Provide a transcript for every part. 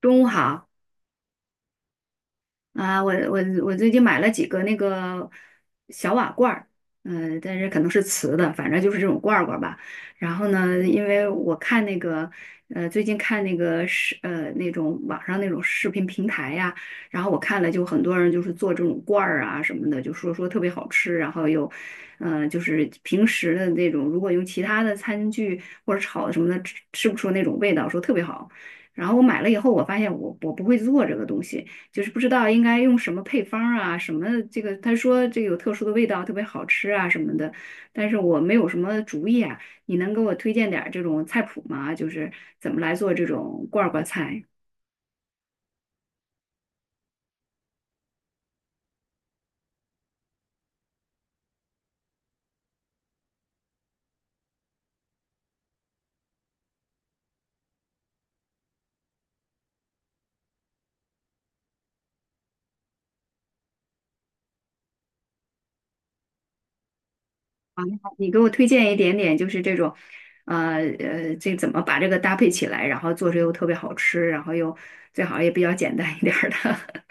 中午好啊，我最近买了几个那个小瓦罐儿，但是可能是瓷的，反正就是这种罐儿罐儿吧。然后呢，因为我看那个最近看那个那种网上那种视频平台呀、然后我看了就很多人就是做这种罐儿啊什么的，就说特别好吃，然后又就是平时的那种，如果用其他的餐具或者炒的什么的，吃不出那种味道，说特别好。然后我买了以后，我发现我不会做这个东西。就是不知道应该用什么配方啊，什么这个，他说这个有特殊的味道，特别好吃啊什么的，但是我没有什么主意啊，你能给我推荐点儿这种菜谱吗？就是怎么来做这种罐儿罐菜啊？你好你给我推荐一点点，就是这种，这怎么把这个搭配起来，然后做出又特别好吃，然后又最好也比较简单一点儿的。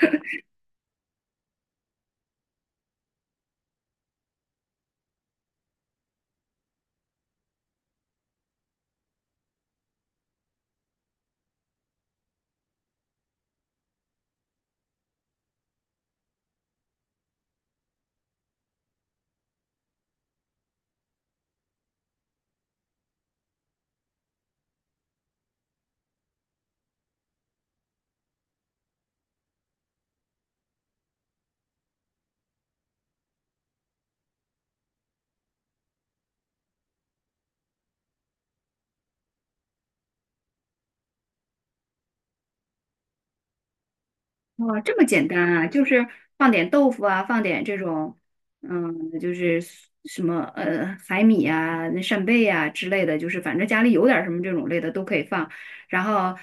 哇，这么简单啊，就是放点豆腐啊，放点这种，嗯，就是什么海米啊、那扇贝啊之类的，就是反正家里有点什么这种类的都可以放，然后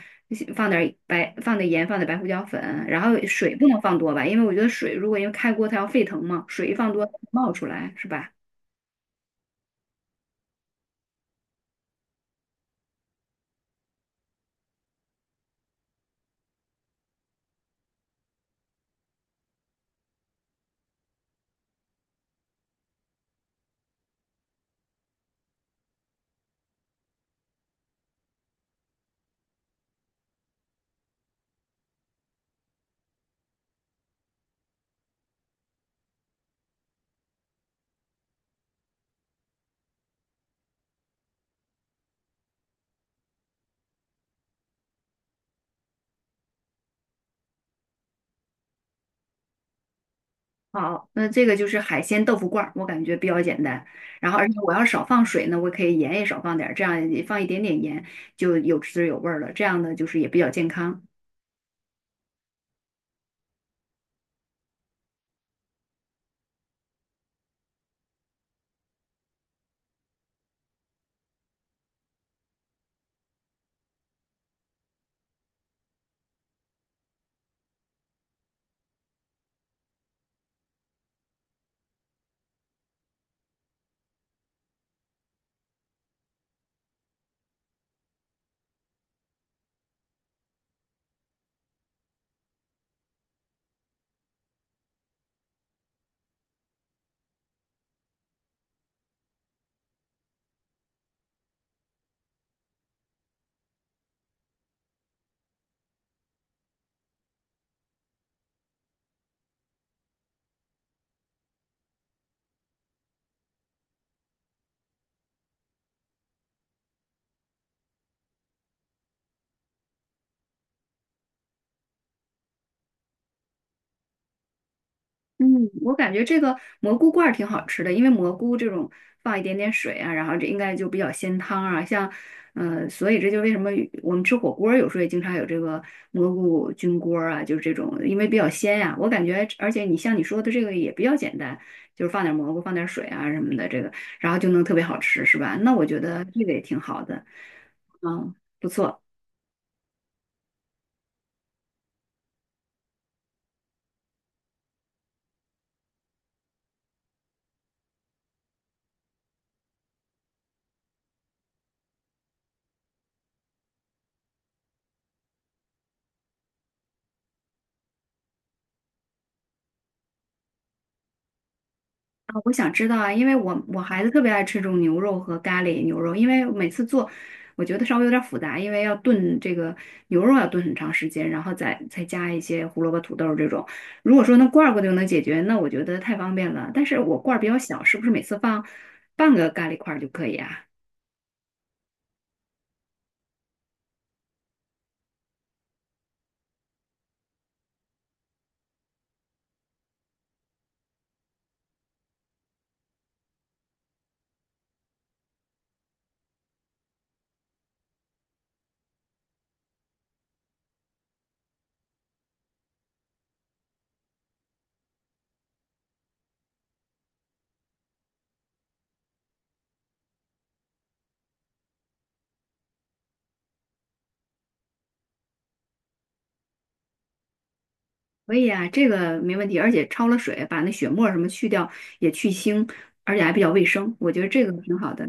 放点盐，放点白胡椒粉，然后水不能放多吧，因为我觉得水如果因为开锅它要沸腾嘛，水一放多它冒出来是吧？好，那这个就是海鲜豆腐罐儿，我感觉比较简单。然后，而且我要少放水呢，我可以盐也少放点儿，这样也放一点点盐就有滋有味儿了。这样呢，就是也比较健康。嗯，我感觉这个蘑菇罐儿挺好吃的，因为蘑菇这种放一点点水啊，然后这应该就比较鲜汤啊。像，所以这就为什么我们吃火锅儿有时候也经常有这个蘑菇菌锅儿啊，就是这种，因为比较鲜呀、我感觉，而且你像你说的这个也比较简单，就是放点蘑菇，放点水啊什么的，这个然后就能特别好吃，是吧？那我觉得这个也挺好的，嗯，不错。啊，我想知道啊，因为我孩子特别爱吃这种牛肉和咖喱牛肉，因为每次做，我觉得稍微有点复杂，因为要炖这个牛肉要炖很长时间，然后再加一些胡萝卜、土豆这种。如果说那罐儿罐就能解决，那我觉得太方便了。但是我罐儿比较小，是不是每次放半个咖喱块儿就可以啊？可以啊，这个没问题，而且焯了水，把那血沫儿什么去掉，也去腥，而且还比较卫生，我觉得这个挺好的。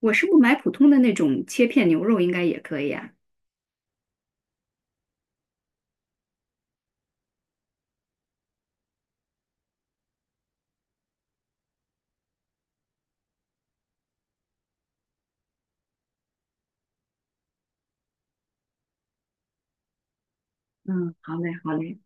我是不买普通的那种切片牛肉应该也可以啊？嗯，好嘞，好嘞，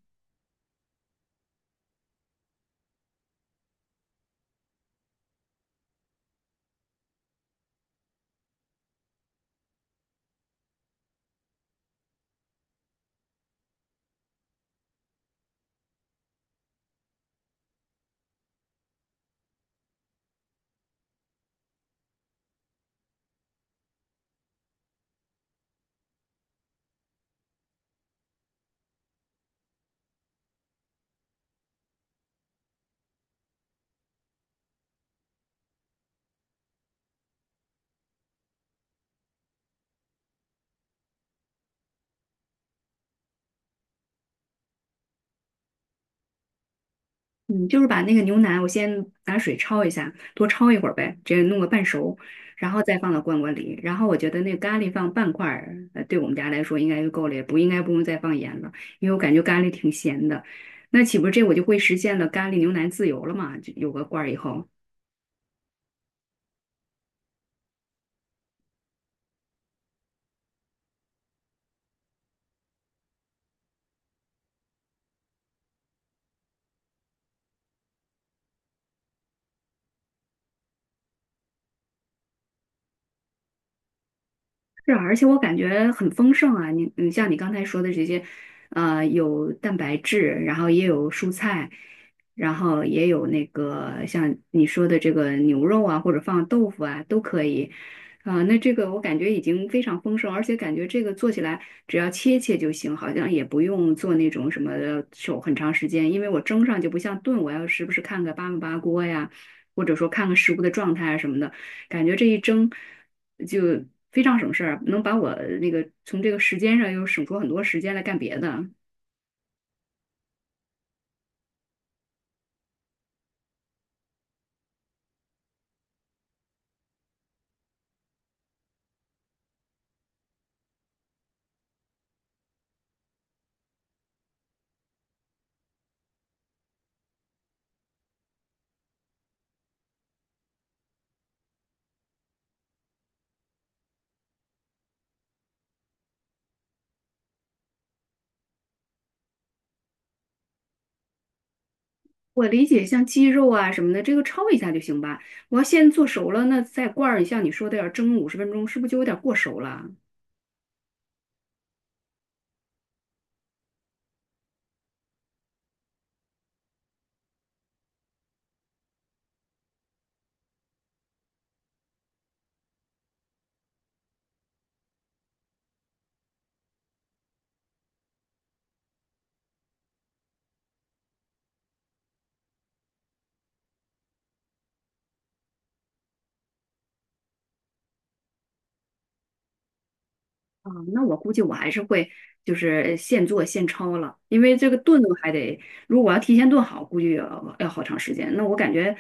嗯，就是把那个牛腩，我先拿水焯一下，多焯一会儿呗，接弄个半熟，然后再放到罐罐里。然后我觉得那个咖喱放半块儿，对我们家来说应该就够了，也不应该不用再放盐了，因为我感觉咖喱挺咸的。那岂不是这我就会实现了咖喱牛腩自由了嘛？就有个罐儿以后，是啊，而且我感觉很丰盛啊！你像你刚才说的这些，有蛋白质，然后也有蔬菜，然后也有那个像你说的这个牛肉啊，或者放豆腐啊，都可以。啊、那这个我感觉已经非常丰盛，而且感觉这个做起来只要切切就行，好像也不用做那种什么手很长时间，因为我蒸上就不像炖，我要时不时看个八分八锅呀，或者说看看食物的状态啊什么的，感觉这一蒸。就非常省事儿，能把我那个从这个时间上又省出很多时间来干别的。我理解，像鸡肉啊什么的，这个焯一下就行吧。我要先做熟了，那再罐儿，像你说的要蒸50分钟，是不是就有点过熟了？啊，那我估计我还是会就是现做现焯了，因为这个炖还得，如果要提前炖好，估计要好长时间。那我感觉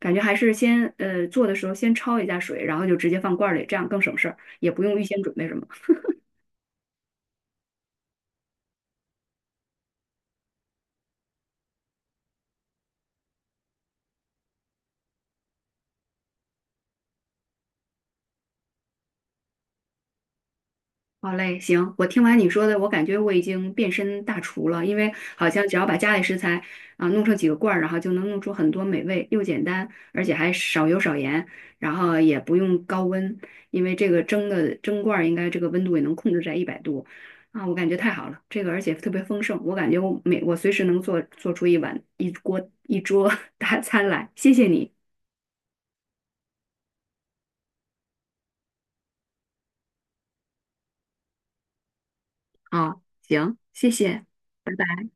感觉还是先做的时候先焯一下水，然后就直接放罐儿里，这样更省事儿，也不用预先准备什么。好嘞，行，我听完你说的，我感觉我已经变身大厨了，因为好像只要把家里食材啊、弄成几个罐儿，然后就能弄出很多美味，又简单，而且还少油少盐，然后也不用高温，因为这个蒸的蒸罐儿应该这个温度也能控制在100度啊，我感觉太好了，这个而且特别丰盛，我感觉我随时能做出一碗一锅一桌 大餐来，谢谢你啊，行，谢谢。拜拜。